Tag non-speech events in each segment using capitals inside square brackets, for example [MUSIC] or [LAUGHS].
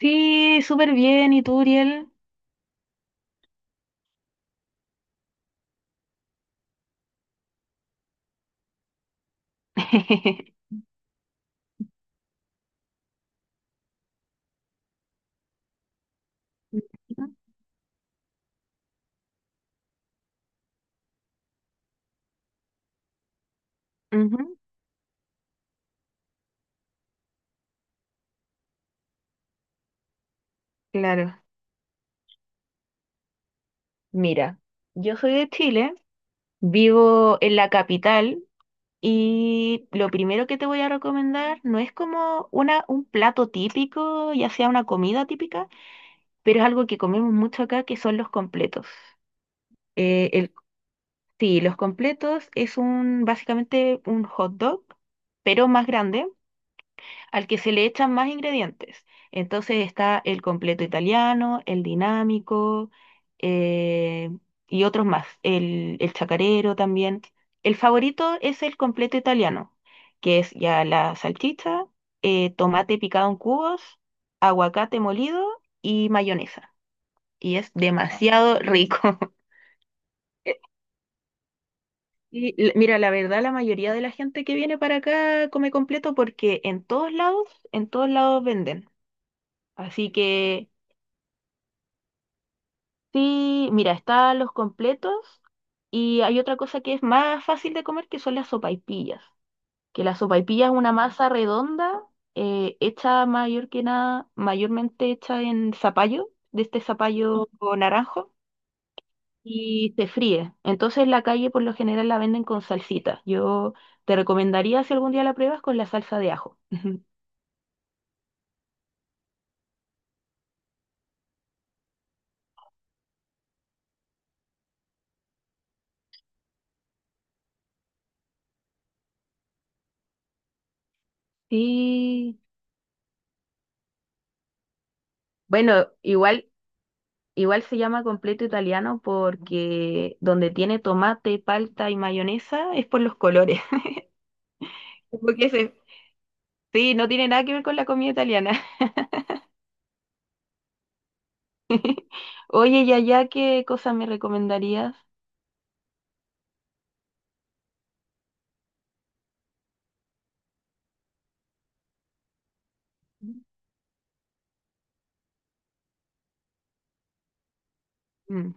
Sí, súper bien. ¿Y tú, Uriel? [LAUGHS] Ujú, claro. Mira, yo soy de Chile, vivo en la capital y lo primero que te voy a recomendar no es como un plato típico, ya sea una comida típica, pero es algo que comemos mucho acá, que son los completos. Eh, el, sí, los completos es un, básicamente un hot dog, pero más grande, al que se le echan más ingredientes. Entonces está el completo italiano, el dinámico eh, y otros más, el chacarero también. El favorito es el completo italiano, que es ya la salchicha, tomate picado en cubos, aguacate molido y mayonesa. Y es demasiado rico. [LAUGHS] Y mira, la verdad, la mayoría de la gente que viene para acá come completo porque en todos lados venden. Así que sí, mira, están los completos y hay otra cosa que es más fácil de comer que son las sopaipillas. Que la sopaipilla es una masa redonda hecha mayor que nada, mayormente hecha en zapallo, de este zapallo o naranjo, y se fríe. Entonces en la calle por lo general la venden con salsita. Yo te recomendaría si algún día la pruebas con la salsa de ajo. [LAUGHS] Sí. Bueno, igual se llama completo italiano porque donde tiene tomate, palta y mayonesa es por los colores. [LAUGHS] Porque se- sí, no tiene nada que ver con la comida italiana. [LAUGHS] Oye, y allá, ¿qué cosas me recomendarías? Mm,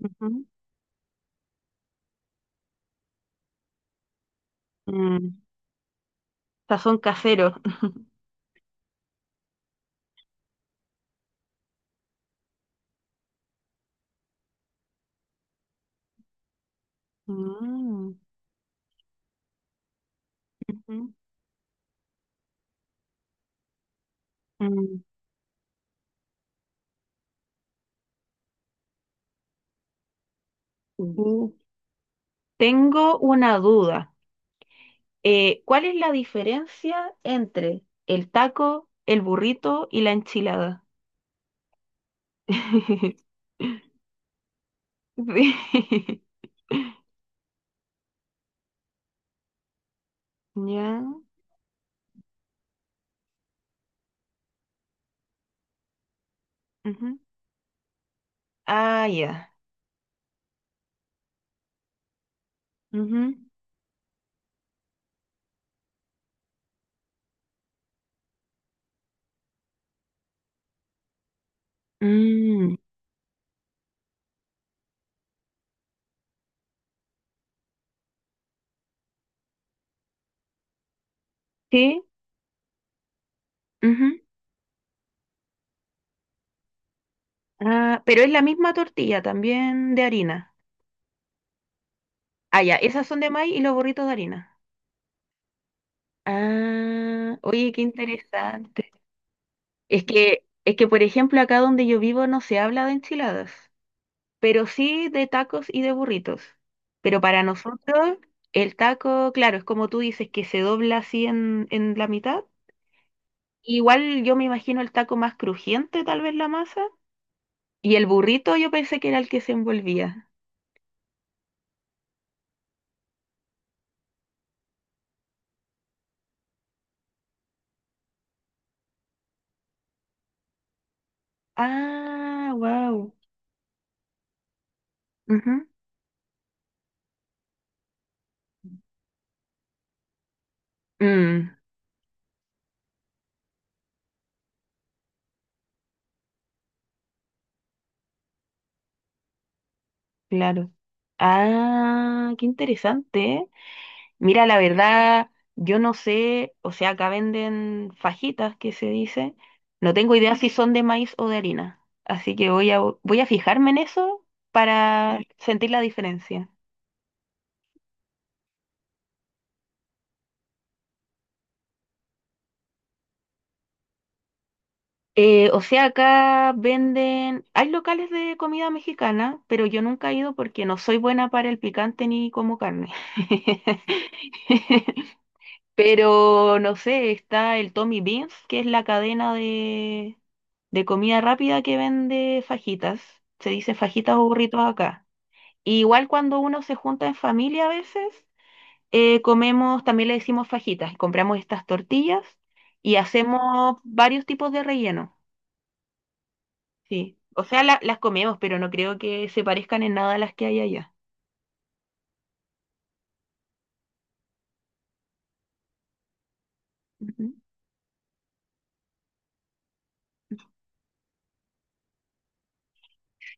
ujú, mm, sazón casero. [LAUGHS] Mm, ujú, mm, ujú. Tengo una duda. ¿Cuál es la diferencia entre el taco, el burrito y la enchilada? [LAUGHS] Sí. [LAUGHS] Ya, ujú. Ah, ya, ujú. Mm, sí, ujú. Ah, pero es la misma tortilla, ¿también de harina? Ah, ya. Esas son de maíz y los burritos de harina. Ah, oye, qué interesante. Por ejemplo, acá donde yo vivo no se habla de enchiladas, pero sí de tacos y de burritos. Pero para nosotros, el taco, claro, es como tú dices, que se dobla así en la mitad. Igual yo me imagino el taco más crujiente, tal vez la masa. Y el burrito yo pensé que era el que se envolvía. Ah, wow, claro. Ah, qué interesante, ¿eh? Mira, la verdad, yo no sé, o sea, acá venden fajitas, que se dice. No tengo idea si son de maíz o de harina. Así que voy a fijarme en eso para sentir la diferencia. O sea, acá venden, hay locales de comida mexicana, pero yo nunca he ido porque no soy buena para el picante ni como carne. [LAUGHS] Pero no sé, está el Tommy Beans, que es la cadena de comida rápida que vende fajitas. Se dice fajitas o burritos acá. Y igual cuando uno se junta en familia a veces, comemos, también le decimos fajitas, compramos estas tortillas y hacemos varios tipos de relleno. Sí, o sea, las comemos, pero no creo que se parezcan en nada a las que hay allá. Ujú.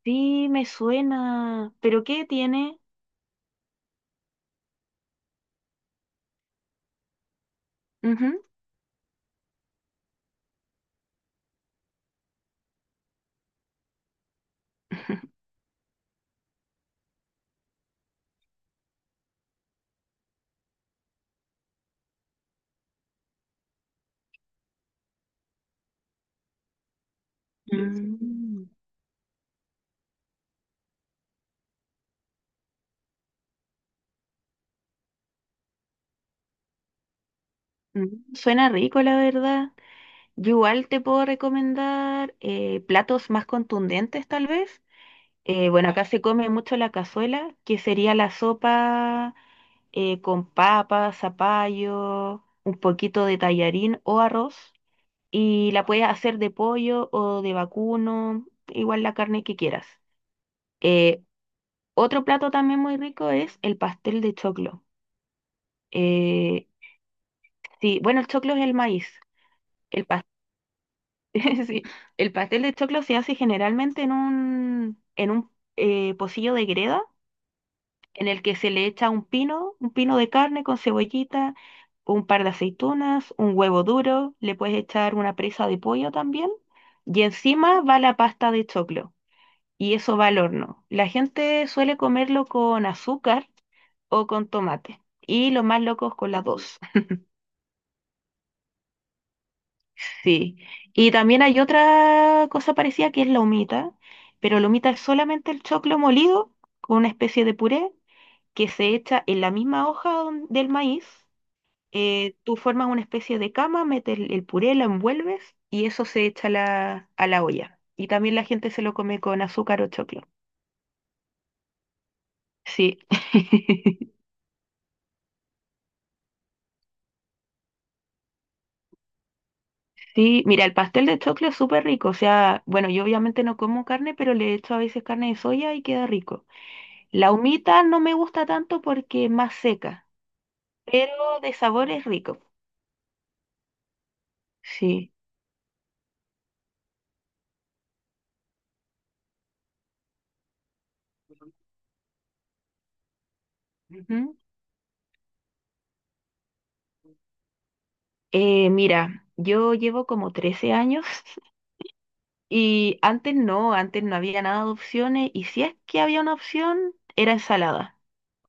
Sí, me suena, pero ¿qué tiene? Ujú. [LAUGHS] Mm, mm, suena rico, la verdad. Yo igual te puedo recomendar platos más contundentes, tal vez. Bueno, acá se come mucho la cazuela, que sería la sopa con papa, zapallo, un poquito de tallarín o arroz, y la puedes hacer de pollo o de vacuno, igual la carne que quieras. Eh, Otro plato también muy rico es el pastel de choclo. Eh, sí, bueno, el choclo es el maíz. El pas- [LAUGHS] sí, el pastel de choclo se hace generalmente en un pocillo de greda en el que se le echa un pino de carne con cebollita, un par de aceitunas, un huevo duro, le puedes echar una presa de pollo también y encima va la pasta de choclo, y eso va al horno. La gente suele comerlo con azúcar o con tomate. Y los más locos con las dos. [LAUGHS] Sí. Y también hay otra cosa parecida que es la humita, pero la humita es solamente el choclo molido con una especie de puré que se echa en la misma hoja del maíz. Tú formas una especie de cama, metes el puré, lo envuelves y eso se echa a a la olla. Y también la gente se lo come con azúcar o choclo. Sí. [LAUGHS] Sí, mira, el pastel de choclo es súper rico. O sea, bueno, yo obviamente no como carne, pero le echo a veces carne de soya y queda rico. La humita no me gusta tanto porque es más seca, pero de sabor es rico. Sí. Ujú. Mira, yo llevo como 13 años. [LAUGHS] Y antes no había nada de opciones, y si es que había una opción, era ensalada.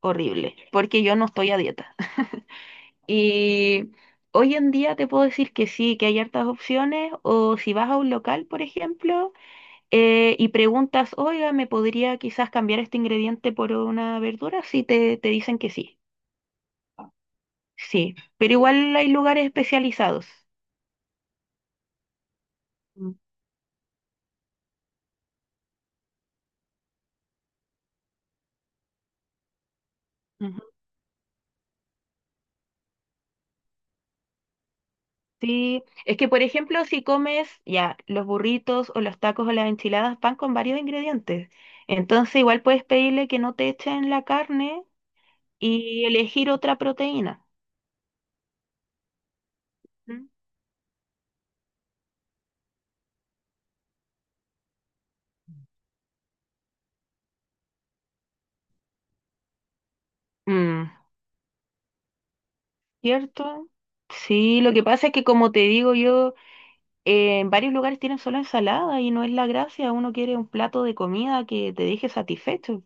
Horrible, porque yo no estoy a dieta. Y hoy en día te puedo decir que sí, que hay hartas opciones, o si vas a un local, por ejemplo, y preguntas, oiga, ¿me podría quizás cambiar este ingrediente por una verdura? Sí, te dicen que sí, sí, pero igual hay lugares especializados. Mm, ujú. Sí, es que por ejemplo, si comes ya los burritos o los tacos o las enchiladas van con varios ingredientes, entonces igual puedes pedirle que no te echen la carne y elegir otra proteína. Mm. Mm. ¿Cierto? Sí, lo que pasa es que como te digo yo, en varios lugares tienen solo ensalada y no es la gracia, uno quiere un plato de comida que te deje satisfecho.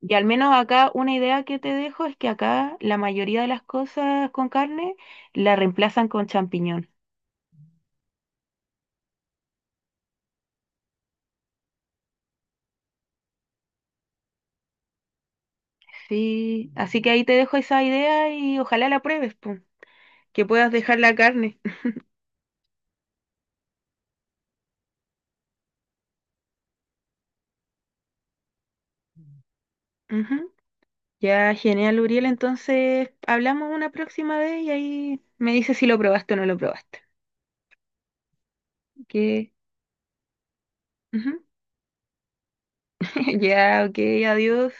Y al menos acá una idea que te dejo es que acá la mayoría de las cosas con carne la reemplazan con champiñón. Sí, así que ahí te dejo esa idea y ojalá la pruebes, pum, que puedas dejar la carne. [LAUGHS] Ujú. Ya, genial, Uriel, entonces hablamos una próxima vez y ahí me dices si lo probaste o no lo probaste. Que ujú. [LAUGHS] Ya, ok, adiós.